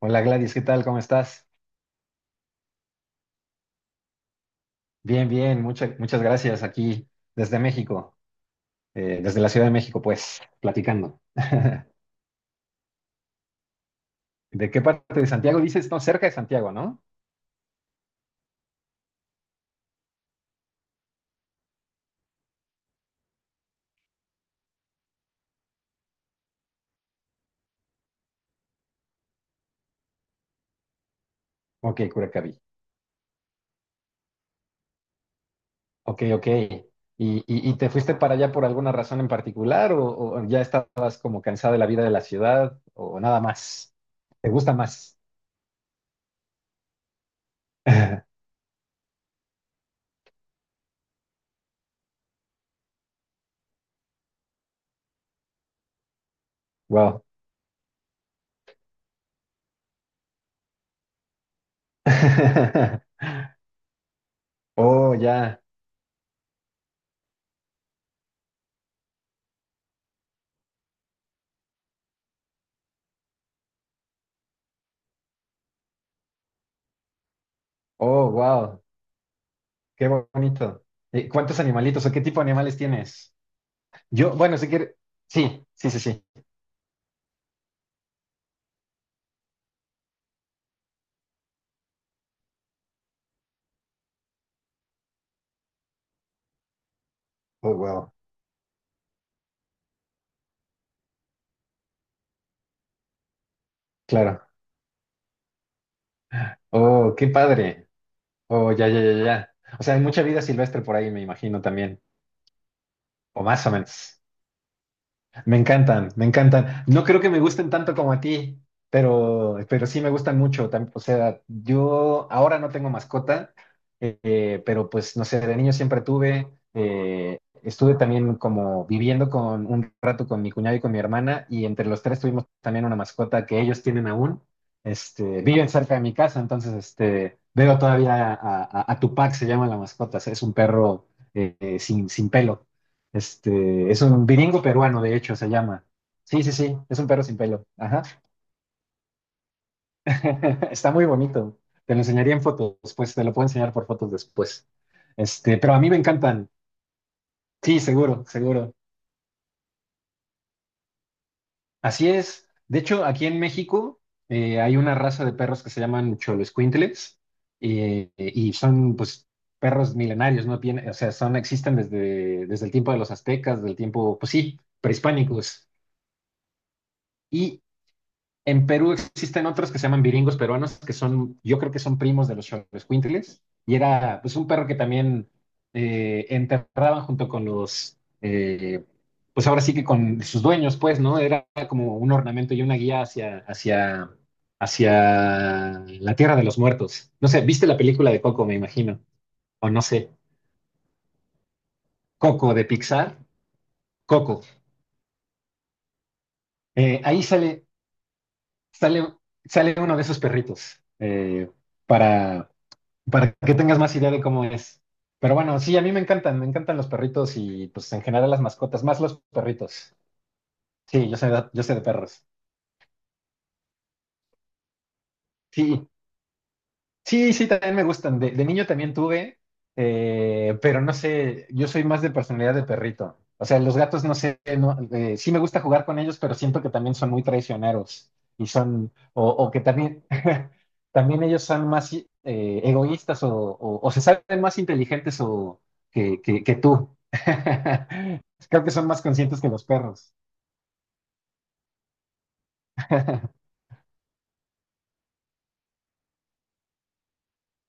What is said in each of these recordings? Hola Gladys, ¿qué tal? ¿Cómo estás? Bien, bien, muchas gracias aquí desde México, desde la Ciudad de México, pues, platicando. ¿De qué parte de Santiago dices? No, cerca de Santiago, ¿no? Ok, Curacaví. Ok, ok. ¿Y te fuiste para allá por alguna razón en particular o ya estabas como cansada de la vida de la ciudad o nada más? ¿Te gusta más? Wow. Oh, ya. Oh, wow. Qué bonito. ¿Cuántos animalitos o qué tipo de animales tienes? Yo, bueno, si quiere. Sí, sí, sí, sí. Oh, wow. Claro. Oh, qué padre. Oh, ya, ya, ya, ya. O sea, hay mucha vida silvestre por ahí, me imagino también. O más o menos. Me encantan, me encantan. No creo que me gusten tanto como a ti, pero sí me gustan mucho. O sea, yo ahora no tengo mascota, pero pues no sé, de niño siempre tuve. Estuve también como viviendo con un rato con mi cuñado y con mi hermana, y entre los tres tuvimos también una mascota que ellos tienen aún. Este, viven cerca de mi casa, entonces este, veo todavía a Tupac, se llama la mascota, o sea, es un perro sin pelo. Este, es un viringo peruano, de hecho, se llama. Sí, sí, sí, es un perro sin pelo. Ajá. Está muy bonito. Te lo enseñaría en fotos, pues te lo puedo enseñar por fotos después. Este, pero a mí me encantan. Sí, seguro, seguro. Así es. De hecho, aquí en México hay una raza de perros que se llaman cholescuintles y son, pues, perros milenarios, ¿no? Bien, o sea, son, existen desde el tiempo de los aztecas, del tiempo, pues sí, prehispánicos. Y en Perú existen otros que se llaman viringos peruanos, que son, yo creo que son primos de los Xoloscuintles, y era pues un perro que también enterraban junto con los, pues ahora sí que con sus dueños, pues, ¿no? Era como un ornamento y una guía hacia la tierra de los muertos. No sé, ¿viste la película de Coco, me imagino? O no sé, Coco de Pixar, Coco. Ahí sale, sale, sale uno de esos perritos para para que tengas más idea de cómo es. Pero bueno, sí, a mí me encantan los perritos y pues en general las mascotas, más los perritos. Sí, yo sé, yo sé de perros. Sí, sí, sí, también me gustan. De niño también tuve, pero no sé, yo soy más de personalidad de perrito. O sea, los gatos, no sé, no, sí me gusta jugar con ellos, pero siento que también son muy traicioneros y son, o que también, también ellos son más egoístas o se saben más inteligentes o, que tú. Creo que son más conscientes que los perros.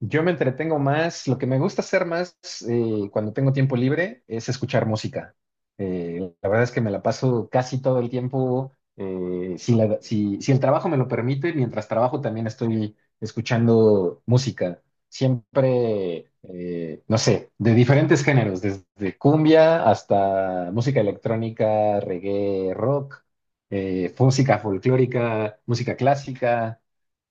Yo me entretengo más, lo que me gusta hacer más cuando tengo tiempo libre es escuchar música. La verdad es que me la paso casi todo el tiempo, si el trabajo me lo permite, mientras trabajo también estoy escuchando música. Siempre, no sé, de diferentes géneros, desde cumbia hasta música electrónica, reggae, rock, música folclórica, música clásica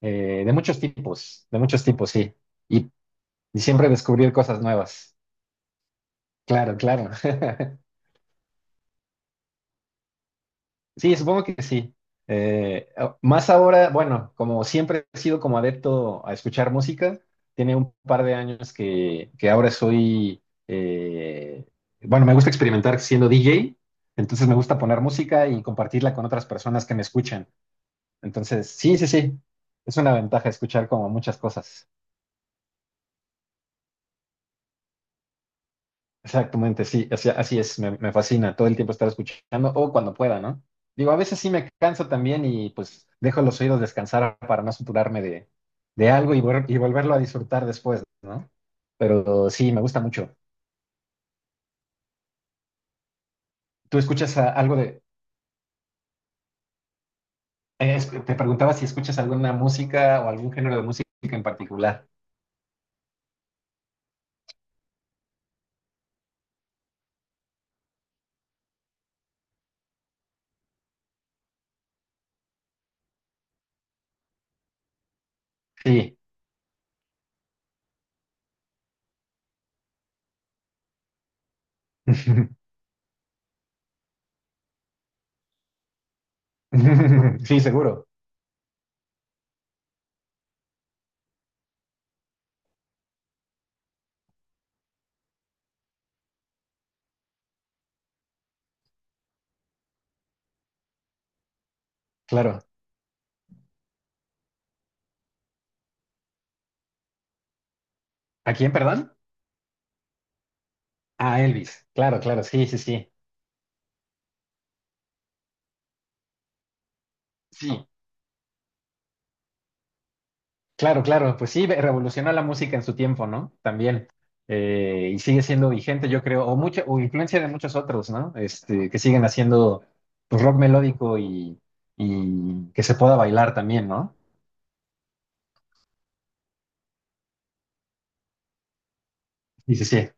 de muchos tipos, sí. Y, y siempre descubrir cosas nuevas. Claro, claro. Sí, supongo que sí. Más ahora, bueno, como siempre he sido como adepto a escuchar música, tiene un par de años que ahora soy, eh, bueno, me gusta experimentar siendo DJ, entonces me gusta poner música y compartirla con otras personas que me escuchan. Entonces, sí, sí, sí, es una ventaja escuchar como muchas cosas. Exactamente, sí, así, así es, me fascina todo el tiempo estar escuchando o cuando pueda, ¿no? Digo, a veces sí me canso también y pues dejo los oídos descansar para no saturarme de algo y volverlo a disfrutar después, ¿no? Pero sí, me gusta mucho. ¿Tú escuchas algo de... te preguntaba si escuchas alguna música o algún género de música en particular. Sí. Sí, seguro, claro. ¿A quién, perdón? A Elvis. Claro, claro, sí, sí, sí. Sí, claro, claro, pues sí, revolucionó la música en su tiempo, ¿no? También. Y sigue siendo vigente, yo creo, o mucha, o influencia de muchos otros, ¿no? Este, que siguen haciendo pues, rock melódico y que se pueda bailar también, ¿no? Sí, sí, sí.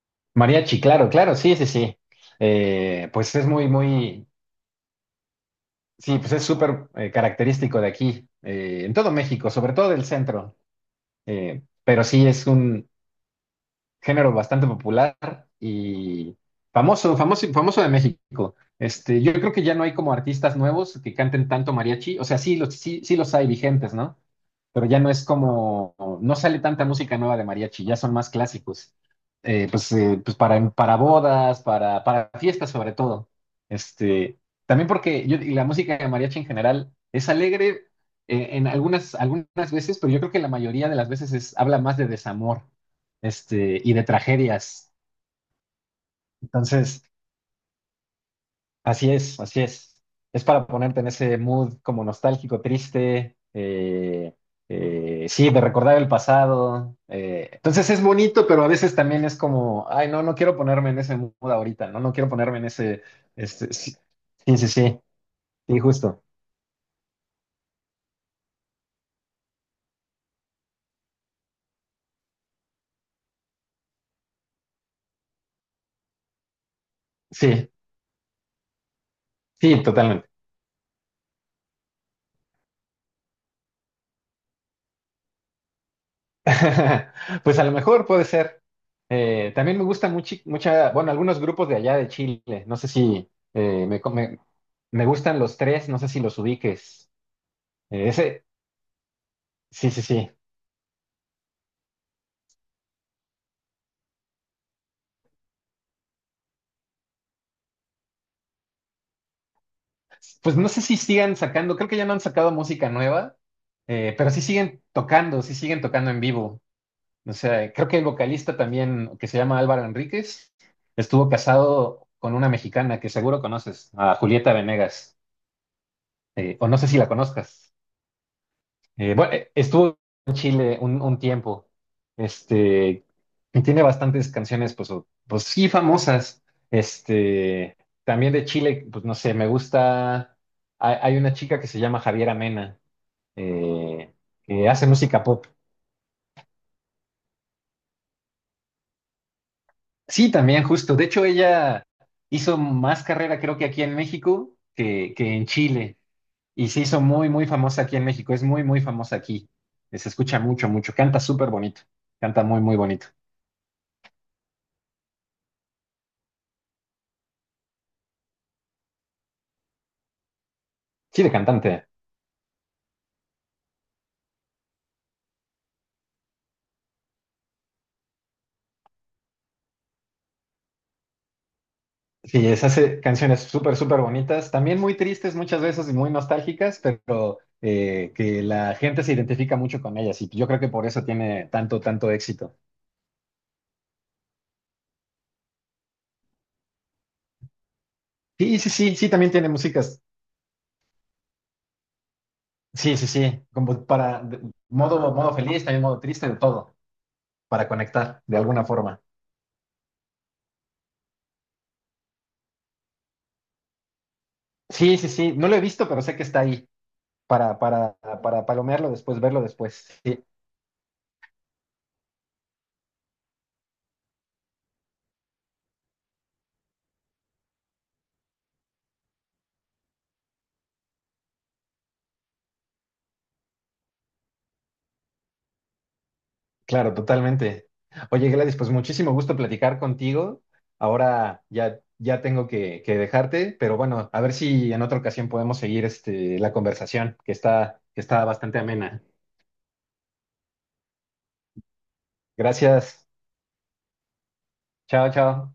Mariachi, claro, claro, sí, sí, sí. Pues es muy, muy, sí, pues es súper característico de aquí, en todo México, sobre todo del centro. Pero sí es un, género bastante popular y famoso, famoso, famoso de México. Este, yo creo que ya no hay como artistas nuevos que canten tanto mariachi. O sea, sí los, sí, sí los hay vigentes, ¿no? Pero ya no es como, no sale tanta música nueva de mariachi, ya son más clásicos. Pues, pues para bodas, para fiestas sobre todo. Este, también porque yo, y la música de mariachi en general es alegre en algunas veces, pero yo creo que la mayoría de las veces es, habla más de desamor este, y de tragedias. Entonces, así es, así es. Es para ponerte en ese mood como nostálgico, triste, sí, de recordar el pasado. Eh. Entonces es bonito, pero a veces también es como, ay, no, no quiero ponerme en ese mood ahorita, no, no quiero ponerme en ese, este, sí, sí, sí, sí, sí, justo, sí, sí, totalmente. Pues a lo mejor puede ser. También me gusta mucho, mucha, bueno, algunos grupos de allá de Chile. No sé si me gustan los tres, no sé si los ubiques. Ese, sí, sí, sí. Pues no sé si sigan sacando, creo que ya no han sacado música nueva, pero sí siguen tocando en vivo. O sea, creo que el vocalista también, que se llama Álvaro Enríquez, estuvo casado con una mexicana que seguro conoces, a Julieta Venegas. O no sé si la conozcas. Bueno, estuvo en Chile un tiempo. Este, y tiene bastantes canciones, pues, pues sí, famosas. Este, también de Chile, pues no sé, me gusta. Hay una chica que se llama Javiera Mena, eh, que hace música pop. Sí, también, justo. De hecho, ella hizo más carrera, creo que aquí en México, que en Chile. Y se hizo muy, muy famosa aquí en México. Es muy, muy famosa aquí. Se escucha mucho, mucho. Canta súper bonito. Canta muy, muy bonito. Sí, de cantante. Sí, es hace canciones súper, súper bonitas, también muy tristes muchas veces y muy nostálgicas, pero que la gente se identifica mucho con ellas y yo creo que por eso tiene tanto, tanto éxito. Sí, sí, sí, sí, también tiene músicas. Sí, sí, sí, como para modo, modo feliz, también modo triste, de todo, para conectar de alguna forma. Sí, sí, sí, no lo he visto, pero sé que está ahí para, para, para palomearlo después, verlo después. Sí. Claro, totalmente. Oye, Gladys, pues muchísimo gusto platicar contigo. Ahora ya, ya tengo que dejarte, pero bueno, a ver si en otra ocasión podemos seguir este, la conversación, que está bastante amena. Gracias. Chao, chao.